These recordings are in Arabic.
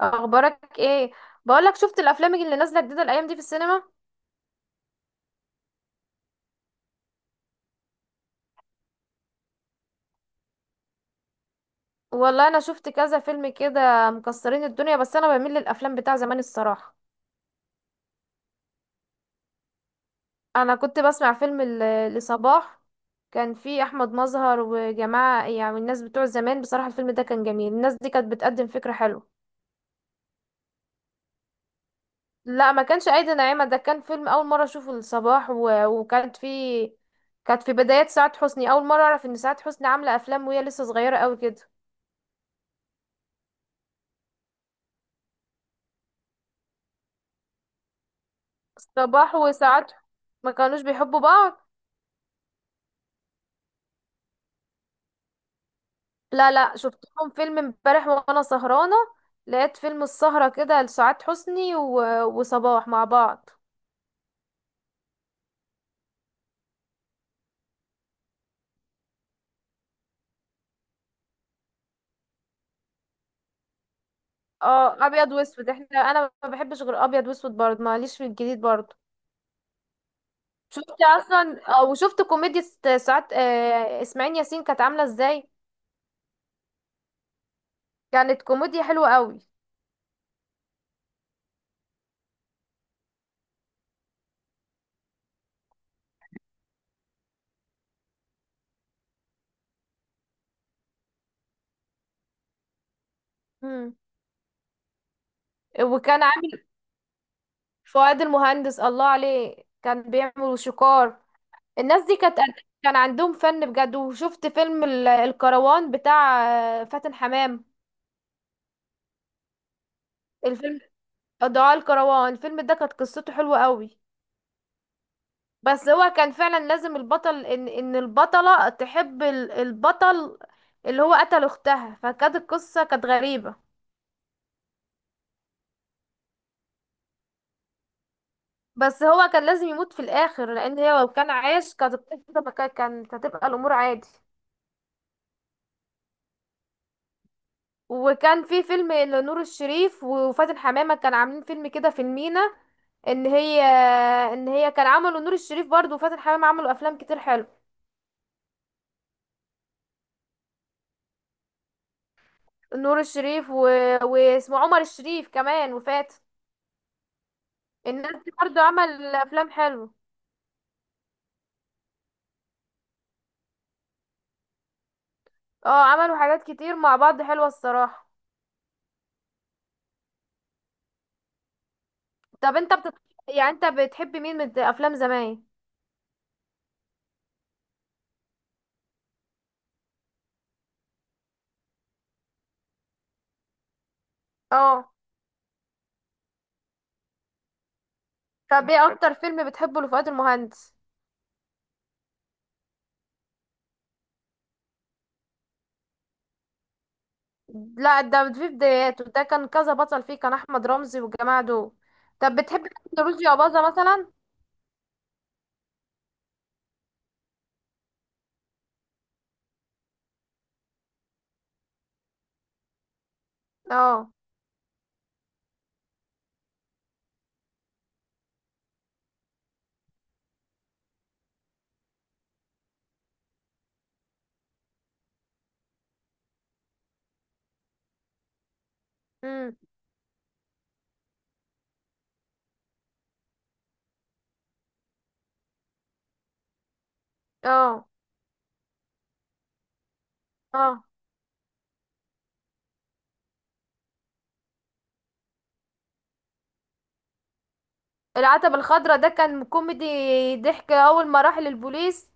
اخبارك ايه؟ بقولك شفت الافلام اللي نازله جديده الايام دي في السينما؟ والله انا شفت كذا فيلم كده مكسرين الدنيا، بس انا بميل للافلام بتاع زمان الصراحه. انا كنت بسمع فيلم لصباح. كان فيه احمد مظهر وجماعه، يعني الناس بتوع زمان بصراحه الفيلم ده كان جميل، الناس دي كانت بتقدم فكره حلوه. لا، ما كانش ايدي ناعمه، ده كان فيلم اول مره اشوفه لصباح و... وكانت فيه، كانت في بدايات سعاد حسني، اول مره اعرف ان سعاد حسني عامله افلام وهي لسه صغيره قوي كده. صباح وسعد ما كانوش بيحبوا بعض. لا لا، شفت لهم فيلم امبارح وانا سهرانه، لقيت فيلم السهره كده لسعاد حسني و... وصباح مع بعض. اه ابيض واسود، احنا انا ما بحبش غير ابيض واسود برضه، ماليش في الجديد برضه. شفت اصلا او شفت ساعات اسماعيل ياسين كانت عامله ازاي، كانت كوميديا حلوه قوي. مم. وكان عامل فؤاد المهندس الله عليه كان بيعمل شكار، الناس دي كانت، كان عندهم فن بجد. وشفت فيلم الكروان بتاع فاتن حمام، الفيلم دعاء الكروان، الفيلم ده كانت قصته حلوة قوي. بس هو كان فعلا لازم البطل ان البطلة تحب البطل اللي هو قتل اختها، فكانت القصة كانت غريبة. بس هو كان لازم يموت في الاخر، لان هي لو كان عايش كانت القصة ما كان- كانت هتبقى الامور عادي. وكان في فيلم لنور الشريف وفاتن حمامة، كان عاملين فيلم كده في المينا، ان هي، كان عملوا نور الشريف برضو وفاتن حمامة عملوا افلام كتير حلو. نور الشريف و... واسمه عمر الشريف كمان وفاتن، الناس دي برضو عمل افلام حلوه. اه عملوا حاجات كتير مع بعض حلوة الصراحة. طب انت بتت... يعني انت بتحب مين من افلام زمان؟ اه. طب ايه اكتر فيلم بتحبه لفؤاد المهندس؟ لا ده في بداياته، ده كان كذا بطل فيه، كان احمد رمزي والجماعه دول. طب بتحب فيروز يا بازا مثلا؟ اه. امم. اه. اه. العتبة الخضراء ده كان كوميدي، ضحك اول ما راح للبوليس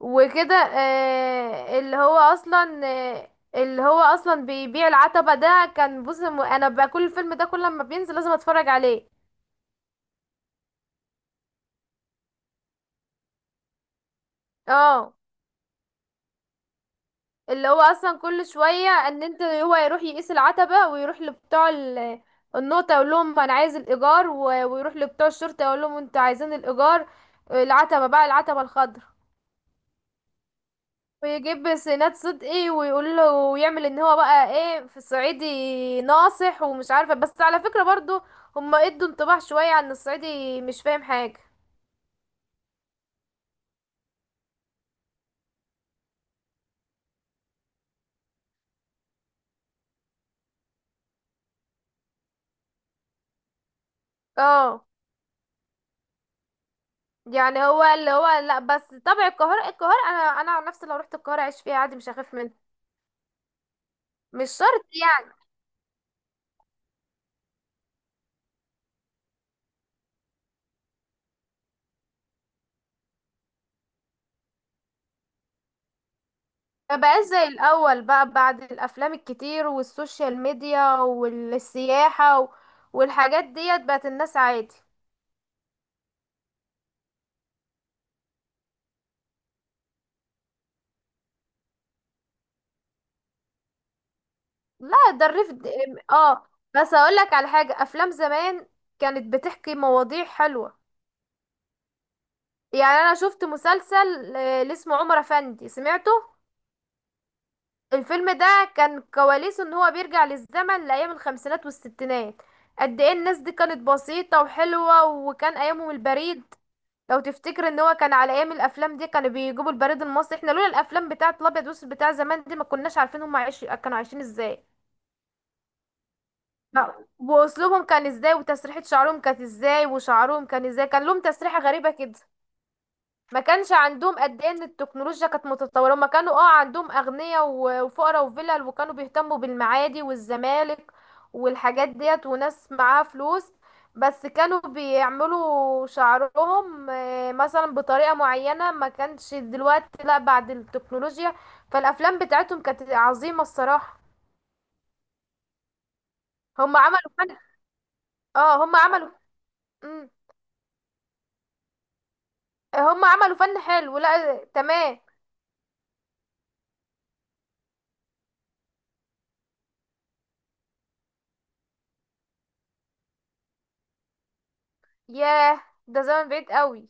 وكده. اللي هو اصلا، اللي هو اصلا بيبيع العتبة ده كان انا بقى كل الفيلم ده كل لما بينزل لازم اتفرج عليه. اه اللي هو اصلا كل شويه ان انت هو يروح يقيس العتبه ويروح لبتوع النقطه يقول لهم انا عايز الايجار. ويروح لبتوع الشرطه يقول لهم انتوا عايزين الايجار، العتبه بقى العتبه الخضراء. ويجيب سناد صدقي ويقول له ويعمل ان هو بقى ايه في الصعيدي ناصح ومش عارفه. بس على فكره برضو، هما ادوا انطباع شويه عن الصعيدي مش فاهم حاجه. اه يعني هو اللي هو لا، بس طبع القاهره، القاهره انا انا عن نفسي لو رحت القاهره اعيش فيها عادي مش هخاف منها، مش شرط يعني. ما بقاش زي الأول بقى بعد الأفلام الكتير والسوشيال ميديا والسياحة والحاجات ديت، بقت الناس عادي. لا اه. بس أقولك على حاجة، أفلام زمان كانت بتحكي مواضيع حلوة. يعني أنا شفت مسلسل، اللي اسمه عمر أفندي، سمعته الفيلم ده؟ كان كواليسه ان هو بيرجع للزمن لأيام الخمسينات والستينات، قد ايه الناس دي كانت بسيطة وحلوة، وكان أيامهم البريد. لو تفتكر ان هو كان على ايام الافلام دي كانوا بيجيبوا البريد المصري، احنا لولا الافلام بتاعه الابيض والاسود بتاع زمان دي ما كناش عارفين كانوا عايشين ازاي. لا، واسلوبهم كان ازاي، وتسريحة شعرهم كانت ازاي، وشعرهم كان ازاي، كان لهم تسريحة غريبة كده. ما كانش عندهم قد ايه ان التكنولوجيا كانت متطوره. هما كانوا اه عندهم اغنياء وفقراء وفلل، وكانوا بيهتموا بالمعادي والزمالك والحاجات ديت، وناس معاها فلوس بس كانوا بيعملوا شعرهم مثلا بطريقه معينه، ما كانش دلوقتي لا بعد التكنولوجيا. فالافلام بتاعتهم كانت عظيمه الصراحه، هما عملوا فن. اه هما عملوا. مم. هما عملوا فن حلو. لا تمام. ياه، ده زمن بعيد قوي.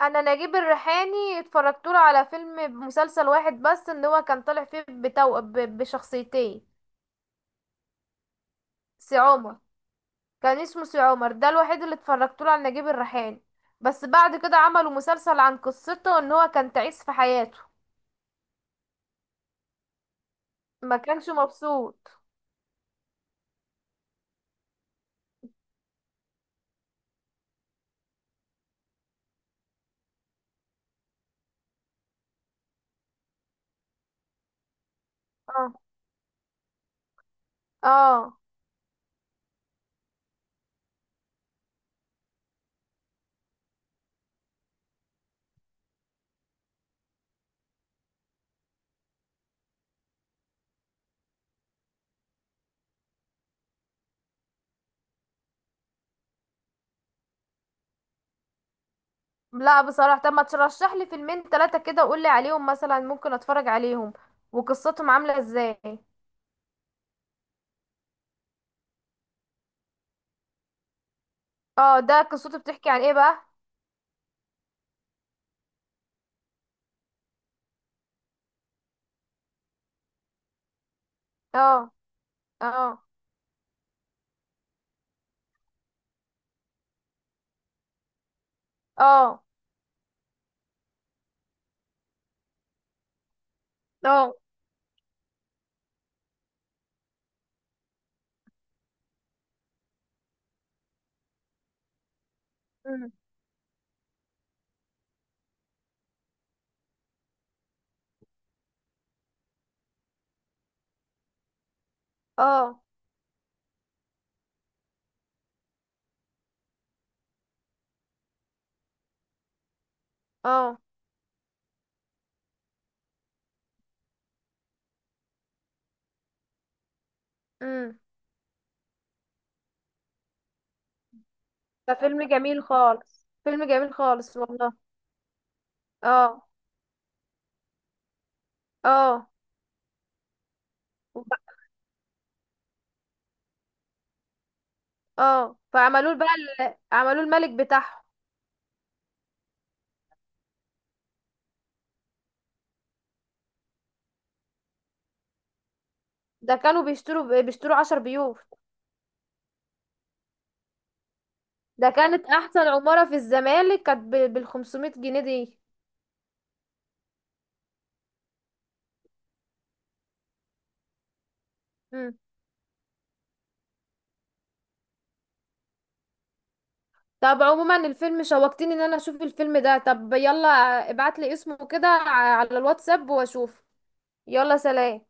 انا نجيب الريحاني اتفرجت له على فيلم مسلسل واحد بس، ان هو كان طالع فيه بشخصيتين. سي عمر، كان اسمه سي عمر، ده الوحيد اللي اتفرجت له على نجيب الريحاني. بس بعد كده عملوا مسلسل عن قصته ان هو كان تعيس في حياته، ما كانش مبسوط. اه. اه. لا بصراحة، طب ما ترشح لي فيلمين ثلاثة كده وقول لي عليهم مثلا ممكن اتفرج عليهم وقصتهم عاملة ازاي. اه ده قصته بتحكي عن ايه بقى؟ اه. اه. اه. اه. مم. اه. اه. امم. ففيلم جميل خالص، فيلم جميل خالص والله. اه. اه. وب- اه فعملوه بقى عملوه الملك بتاعهم. ده كانوا بيشتروا 10 بيوت، ده كانت احسن عمارة في الزمالك كانت بالـ500 جنيه دي. امم. طب عموما الفيلم شوقتني ان انا اشوف الفيلم ده. طب يلا ابعت لي اسمه كده على الواتساب واشوف. يلا سلام.